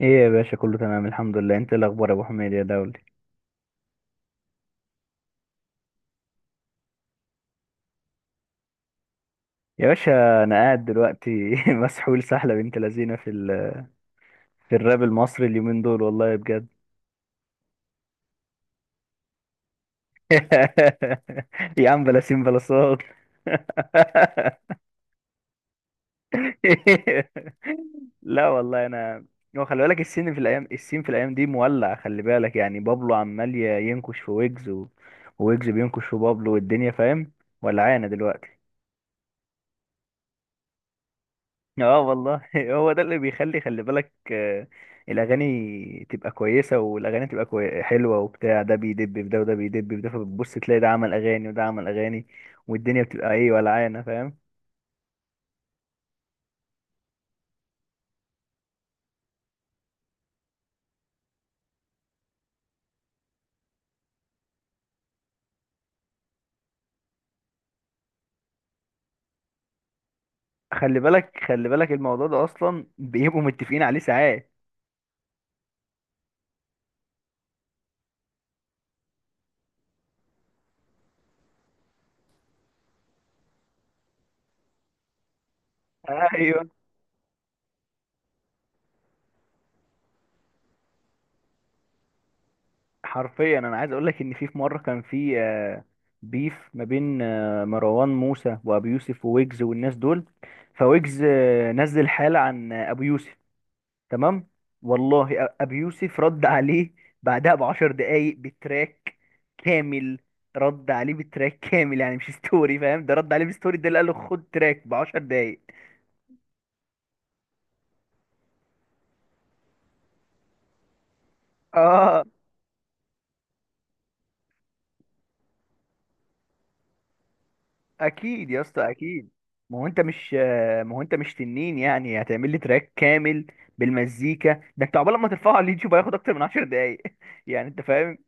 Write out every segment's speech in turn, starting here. ايه يا باشا، كله تمام الحمد لله. انت إيه الاخبار يا ابو حميد يا دولي؟ يا باشا انا قاعد دلوقتي مسحول سحله بنت لذينه في الراب المصري اليومين دول والله بجد. يا عم بلا سين بلا صوت. لا والله انا. هو خلي بالك السين في الايام، دي مولع. خلي بالك يعني بابلو عمال ينكش في ويجز ويجز بينكش في بابلو والدنيا فاهم، ولا عانه دلوقتي. اه والله هو ده اللي بيخلي، خلي بالك الاغاني تبقى كويسه والاغاني تبقى حلوه وبتاع، ده بيدب في ده وده بيدب في ده، فبتبص تلاقي ده عمل اغاني وده عمل اغاني والدنيا بتبقى ايه ولعانه فاهم. خلي بالك الموضوع ده اصلا بيبقوا متفقين عليه ساعات. ايوه. حرفيا انا عايز اقول لك ان في مره كان في بيف ما بين مروان موسى وابي يوسف وويجز والناس دول. فويجز نزل حالة عن ابو يوسف، تمام؟ والله ابي يوسف رد عليه بعدها بـ10 دقايق بتراك كامل. رد عليه بتراك كامل يعني مش ستوري، فاهم؟ ده رد عليه بستوري، ده اللي قال له خد تراك بـ10 دقايق. اه. اكيد يا اسطى اكيد. ما هو انت مش ما هو انت مش تنين، يعني هتعمل لي تراك كامل بالمزيكا ده؟ انت عقبال ما ترفعه على اليوتيوب هياخد اكتر من 10 دقايق. يعني انت فاهم.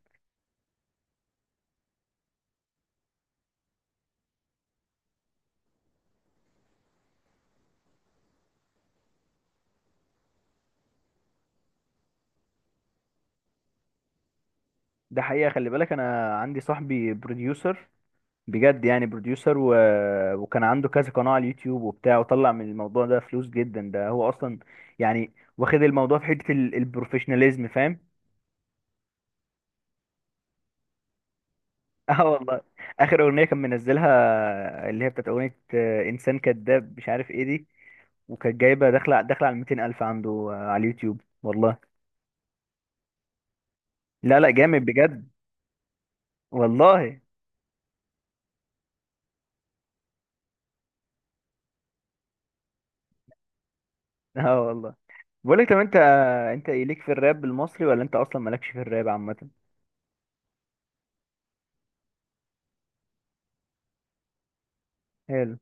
ده حقيقة، خلي بالك انا عندي صاحبي بروديوسر، بجد يعني بروديوسر وكان عنده كذا قناة على اليوتيوب وبتاع، وطلع من الموضوع ده فلوس جدا، ده هو أصلا يعني واخد الموضوع في حتة البروفيشناليزم، فاهم. اه والله. آخر أغنية كان منزلها، اللي هي بتاعت أغنية إنسان كذاب مش عارف إيه دي، وكانت جايبة داخلة على 200 ألف عنده على اليوتيوب، والله. لا لا، جامد بجد. والله. اه والله. بقولك طب أنت أنت إيه ليك في الراب المصري، ولا أنت أصلا مالكش في الراب عامة؟ حلو.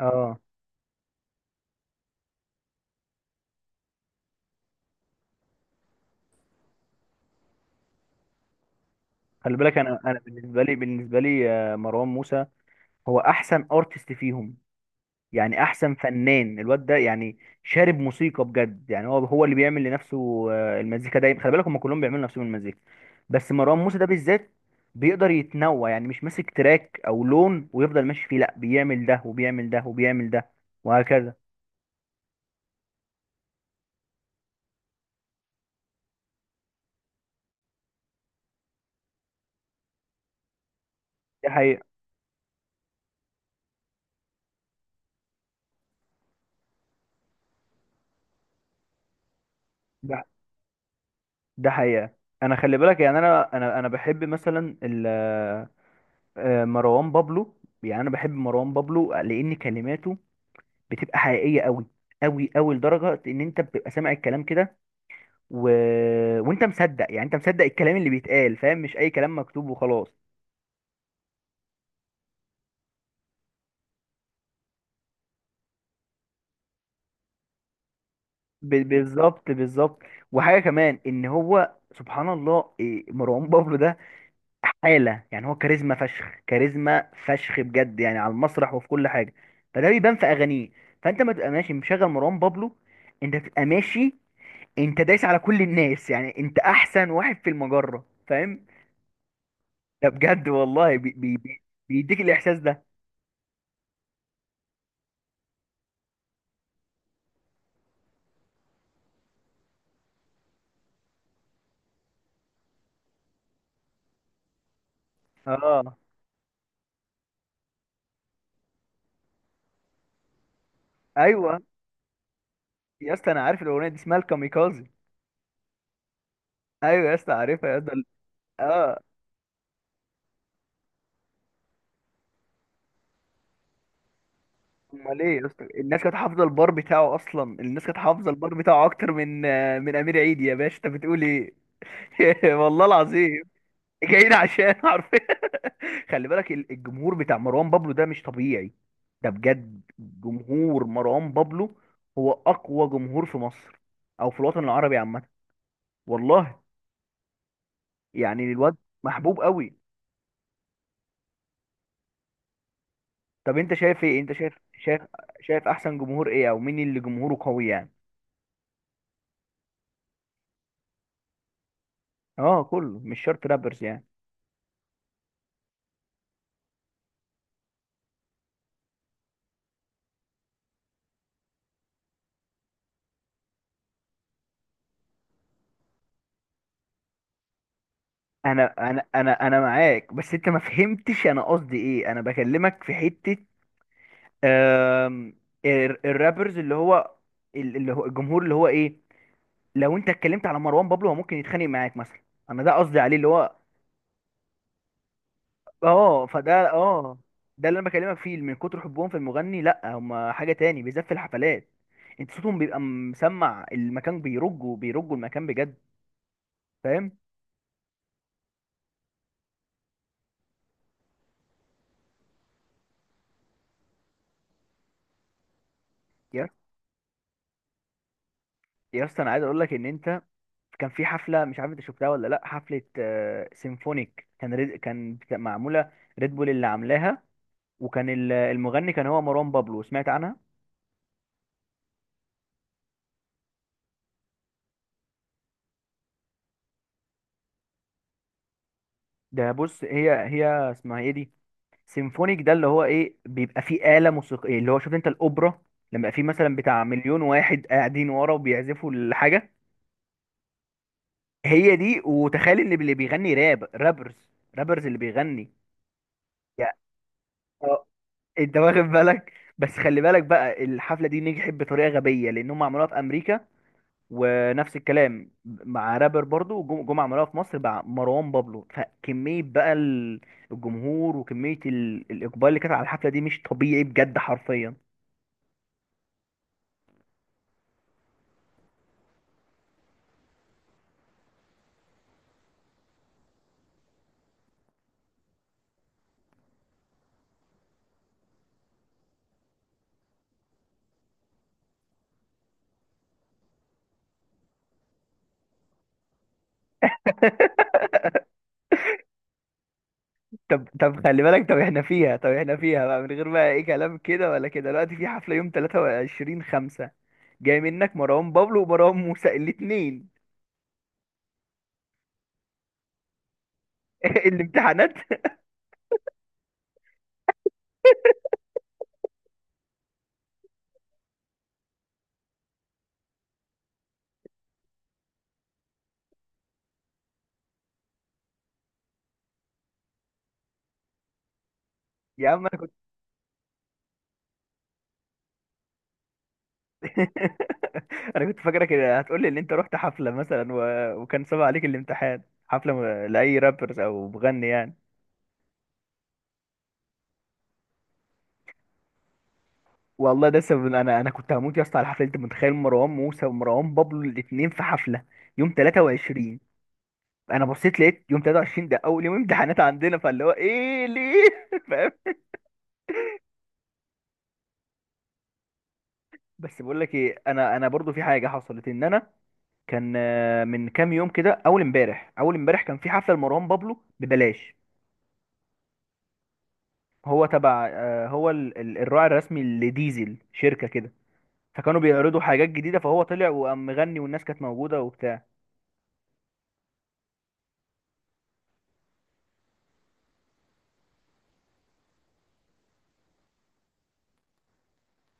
اه. خلي بالك انا، بالنسبه لي مروان موسى هو احسن ارتست فيهم. يعني احسن فنان، الواد ده يعني شارب موسيقى بجد، يعني هو هو اللي بيعمل لنفسه المزيكا دايما. خلي بالك هم كلهم بيعملوا لنفسهم المزيكا، بس مروان موسى ده بالذات بيقدر يتنوع. يعني مش ماسك تراك او لون ويفضل ماشي فيه، لا بيعمل ده وبيعمل ده وبيعمل ده وهكذا. ده حقيقه. ده ده حقيقه. انا خلي بالك يعني انا بحب مثلا مروان بابلو. يعني انا بحب مروان بابلو لان كلماته بتبقى حقيقيه قوي قوي قوي، لدرجه ان انت بتبقى سامع الكلام كده و... وانت مصدق. يعني انت مصدق الكلام اللي بيتقال، فاهم؟ مش اي كلام مكتوب وخلاص. بالظبط بالظبط. وحاجه كمان ان هو سبحان الله إيه، مروان بابلو ده حاله، يعني هو كاريزما فشخ، كاريزما فشخ بجد يعني، على المسرح وفي كل حاجه. فده بيبان في اغانيه. فانت ما تبقى ماشي مشغل مروان بابلو، انت تبقى ماشي، انت دايس على كل الناس. يعني انت احسن واحد في المجرة، فاهم؟ ده بجد والله. بيديك الاحساس ده. اه. ايوه يا اسطى، انا عارف الاغنيه دي اسمها الكاميكازي. ايوه يا اسطى، عارفها يا اسطى. اه. امال ايه يا اسطى، الناس كانت حافظه البار بتاعه اكتر من من امير عيد، يا باشا انت بتقول ايه؟ والله العظيم. جايين عشان عارفين. خلي بالك الجمهور بتاع مروان بابلو ده مش طبيعي. ده بجد جمهور مروان بابلو هو اقوى جمهور في مصر، او في الوطن العربي عامه، والله. يعني الواد محبوب قوي. طب انت شايف ايه؟ انت شايف شايف شايف احسن جمهور ايه، او مين اللي جمهوره قوي يعني؟ اه كله، مش شرط رابرز يعني. انا معاك، بس انت ما فهمتش انا قصدي ايه. انا بكلمك في حتة آم، الرابرز اللي هو الجمهور اللي هو ايه، لو انت اتكلمت على مروان بابلو هو ممكن يتخانق معاك مثلا. انا ده قصدي عليه، اللي هو اه فده اه. ده اللي انا بكلمك فيه، من كتر حبهم في المغني لا هما حاجة تاني، بالذات في الحفلات. انت صوتهم بيبقى مسمع المكان، بيرجوا المكان بجد، فاهم. يا يا اسطى انا عايز اقول لك ان انت، كان في حفلة مش عارف انت شفتها ولا لا. حفلة سيمفونيك كان معمولة، ريد بول اللي عاملاها، وكان المغني كان هو مروان بابلو، سمعت عنها؟ ده بص، هي اسمها ايه دي، سيمفونيك ده اللي هو ايه، بيبقى فيه آلة موسيقية، اللي هو شفت انت الأوبرا لما في مثلا بتاع مليون واحد قاعدين ورا وبيعزفوا الحاجة، هي دي. وتخيل ان اللي بيغني راب، رابرز اللي بيغني، يا اه. انت واخد بالك. بس خلي بالك بقى، الحفلة دي نجحت بطريقة غبية لأنهم عملوها في أمريكا، ونفس الكلام مع رابر برضو جمعة عملوها في مصر مع مروان بابلو، فكمية بقى الجمهور وكمية الإقبال اللي كانت على الحفلة دي مش طبيعي بجد حرفيا. طب خلي بالك، طب احنا فيها بقى، من غير بقى ايه كلام كده ولا كده، دلوقتي في حفلة يوم 23 5 جاي، منك مروان بابلو ومروان موسى الاتنين. الامتحانات. يا عم. انا كنت فاكرك هتقول لي ان انت رحت حفله مثلا وكان صعب عليك الامتحان، حفله م- لاي رابرز او مغني يعني. والله ده سبب، انا كنت هموت يا اسطى على حفله، انت متخيل مروان موسى ومروان بابلو الاثنين في حفله يوم 23؟ انا بصيت لقيت يوم 23 ده اول يوم امتحانات عندنا، فاللي هو ايه ليه فاهم. بس بقول لك ايه، انا برضو في حاجه حصلت ان انا كان من كام يوم كده، اول امبارح كان في حفله لمروان بابلو ببلاش. هو تبع هو الراعي الرسمي لديزل، شركة كده، فكانوا بيعرضوا حاجات جديدة، فهو طلع وقام مغني والناس كانت موجودة وبتاع.